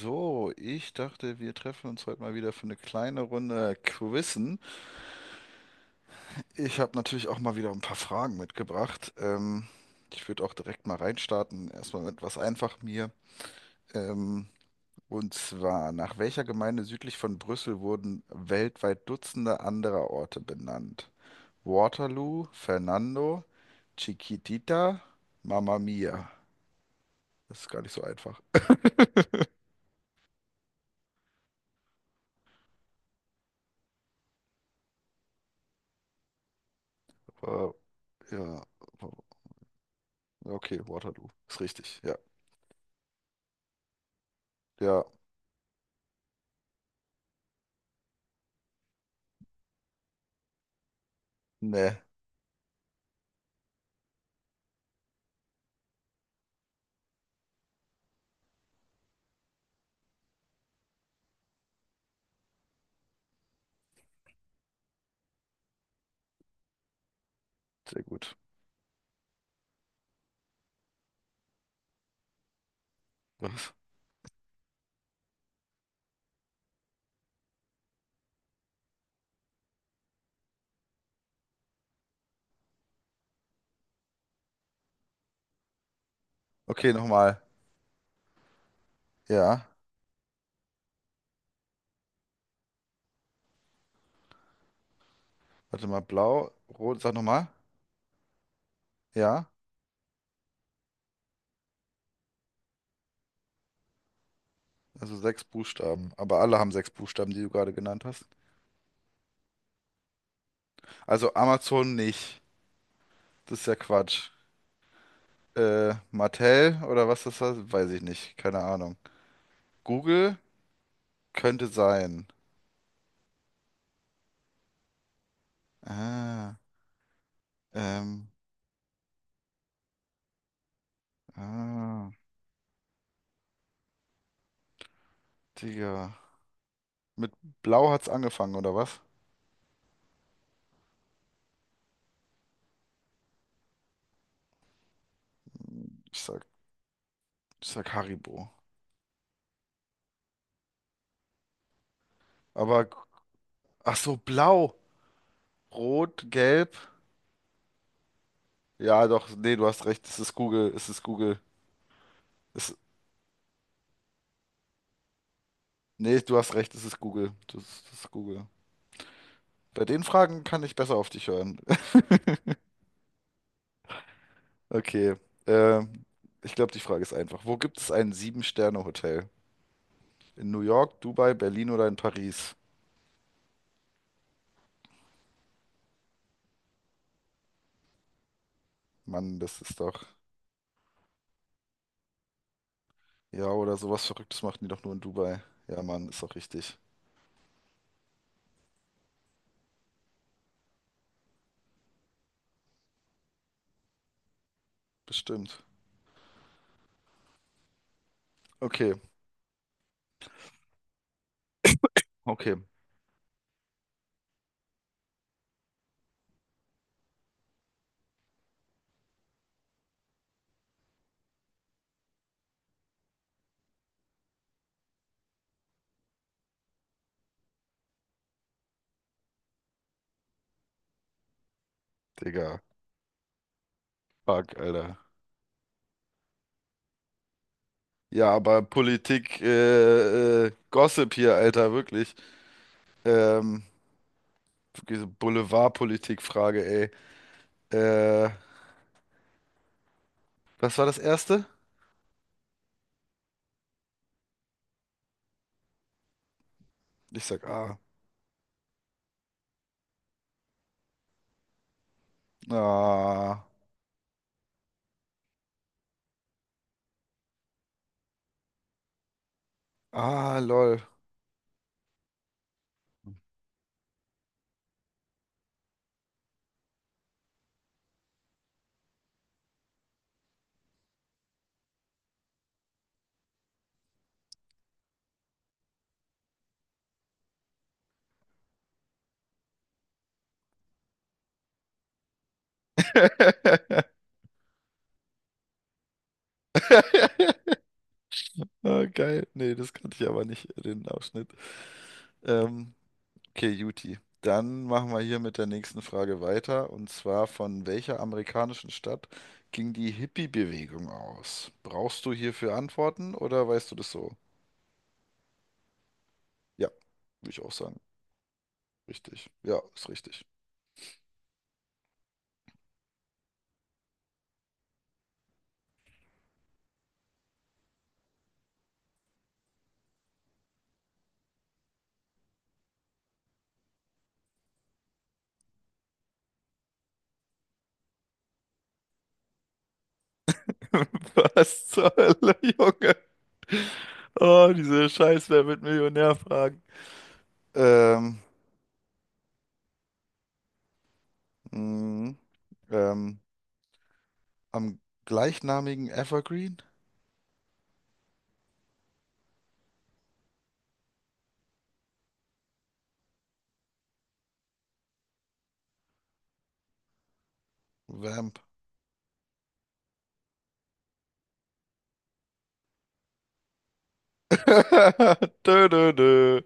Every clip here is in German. So, ich dachte, wir treffen uns heute mal wieder für eine kleine Runde Quizzen. Ich habe natürlich auch mal wieder ein paar Fragen mitgebracht. Ich würde auch direkt mal reinstarten. Erstmal mit was einfach mir. Ähm, und zwar, nach welcher Gemeinde südlich von Brüssel wurden weltweit Dutzende anderer Orte benannt? Waterloo, Fernando, Chiquitita, Mamma Mia. Das ist gar nicht so einfach. Äh, ja, okay, Waterloo. Ist richtig, ja. Ja, nee, sehr gut. Was? Okay, nochmal. Ja, warte mal, blau, rot, sag nochmal. Ja, also sechs Buchstaben. Aber alle haben sechs Buchstaben, die du gerade genannt hast. Also Amazon nicht. Das ist ja Quatsch. Mattel oder was das war, weiß ich nicht. Keine Ahnung. Google könnte sein. Ah, ähm, ah, Digga. Mit blau hat's angefangen, oder was? Ich sag, Ich sag Haribo. Aber, ach so, blau, rot, gelb. Ja, doch, nee, du hast recht, es ist Google, es ist Google. Es, Nee, du hast recht, es ist Google. Das ist Google. Bei den Fragen kann ich besser auf dich hören. Okay, ähm, ich glaube, die Frage ist einfach. Wo gibt es ein Sieben-Sterne-Hotel? In New York, Dubai, Berlin oder in Paris? Mann, das ist doch. Ja, oder sowas Verrücktes machen die doch nur in Dubai. Ja, Mann, ist doch richtig. Bestimmt. Okay, okay. Digga. Fuck, Alter. Ja, aber Politik, Gossip hier, Alter, wirklich. Ähm, diese Boulevardpolitik-Frage, ey. Äh, Was war das erste? Ich sag A. Ah. Ah, lol. Ah, geil. Nee, das kannte ich aber nicht, den Ausschnitt. Ähm, okay, Juti. Dann machen wir hier mit der nächsten Frage weiter. Und zwar, von welcher amerikanischen Stadt ging die Hippie-Bewegung aus? Brauchst du hierfür Antworten oder weißt du das so? Ja, würde ich auch sagen. Richtig. Ja, ist richtig. Was zur Hölle, Junge? Oh, diese Scheiß, wer wird Millionär fragen? Ähm, mh, ähm, am gleichnamigen Evergreen? Vamp. Dö, dö, dö.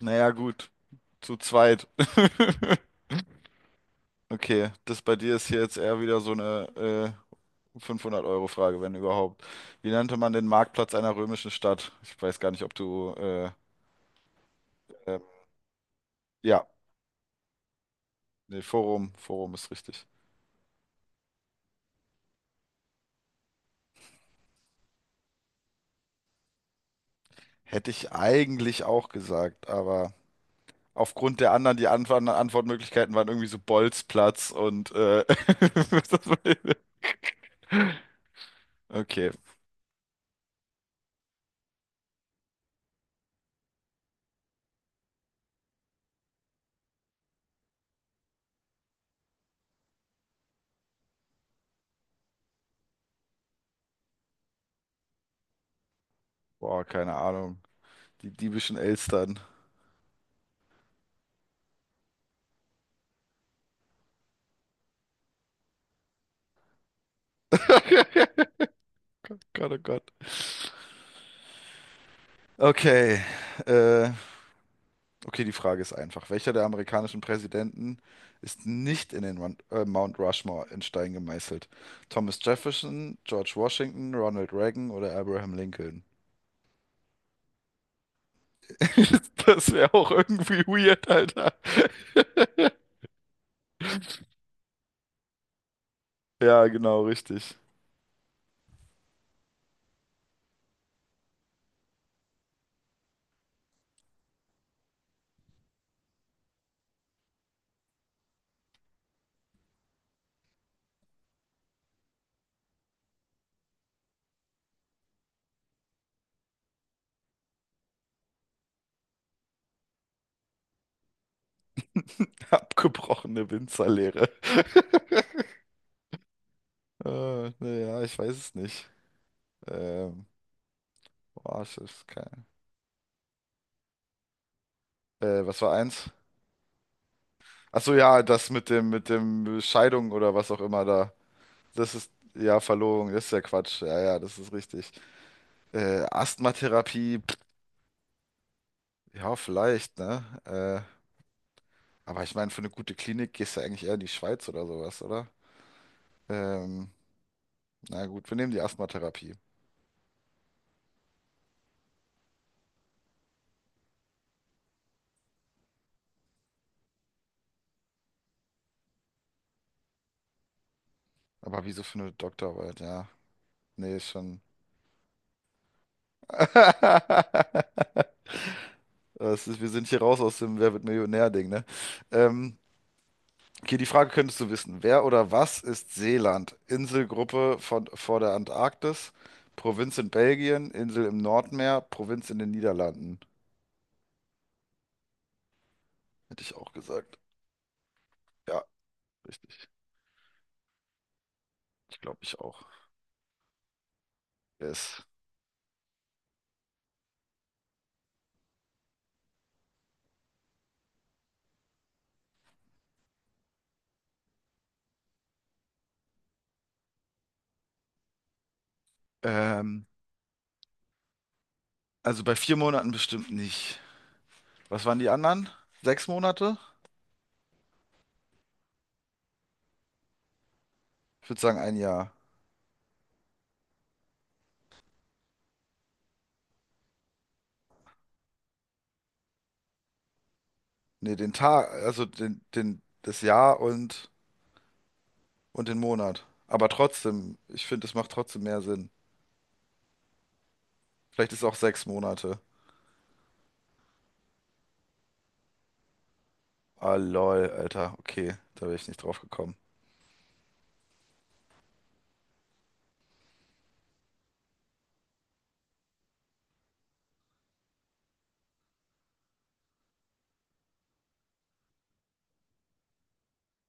Naja, gut, zu zweit. Okay, das bei dir ist hier jetzt eher wieder so eine 500-Euro-Frage, wenn überhaupt. Wie nannte man den Marktplatz einer römischen Stadt? Ich weiß gar nicht, ob du. Äh, ja, nee, Forum ist richtig. Hätte ich eigentlich auch gesagt, aber aufgrund der anderen, die Antwortmöglichkeiten waren irgendwie so Bolzplatz und okay, boah, keine Ahnung. Die diebischen Elstern. Gott, oh Gott. Okay, äh, okay, die Frage ist einfach. Welcher der amerikanischen Präsidenten ist nicht in den Mount Rushmore in Stein gemeißelt? Thomas Jefferson, George Washington, Ronald Reagan oder Abraham Lincoln? Das wäre auch irgendwie weird, Alter. Ja, genau, richtig. Abgebrochene Winzerlehre. Naja, ich weiß es nicht. Ähm, boah, ich weiß kein. Was war eins? Ach so, ja, das mit dem Scheidung oder was auch immer da. Das ist, ja, Verlobung, das ist ja Quatsch. Ja, ja, das ist richtig. Asthmatherapie, pff, ja, vielleicht, ne? Aber ich meine, für eine gute Klinik gehst du eigentlich eher in die Schweiz oder sowas, oder? Ähm, Na gut, wir nehmen die Asthmatherapie. Aber wieso für eine Doktorarbeit? Ja, nee, ist schon. Das ist, wir sind hier raus aus dem Wer wird Millionär-Ding, ne? Ähm, okay, die Frage könntest du wissen. Wer oder was ist Seeland? Inselgruppe von, vor der Antarktis, Provinz in Belgien, Insel im Nordmeer, Provinz in den Niederlanden. Hätte ich auch gesagt. Ja, richtig. Ich glaube, ich auch. Yes. Ähm, also bei vier Monaten bestimmt nicht. Was waren die anderen? Sechs Monate? Ich würde sagen ein Jahr. Nee, den Tag, also das Jahr und den Monat. Aber trotzdem, ich finde, es macht trotzdem mehr Sinn. Vielleicht ist auch sechs Monate. Ah, lol, Alter. Okay, da wäre ich nicht drauf gekommen.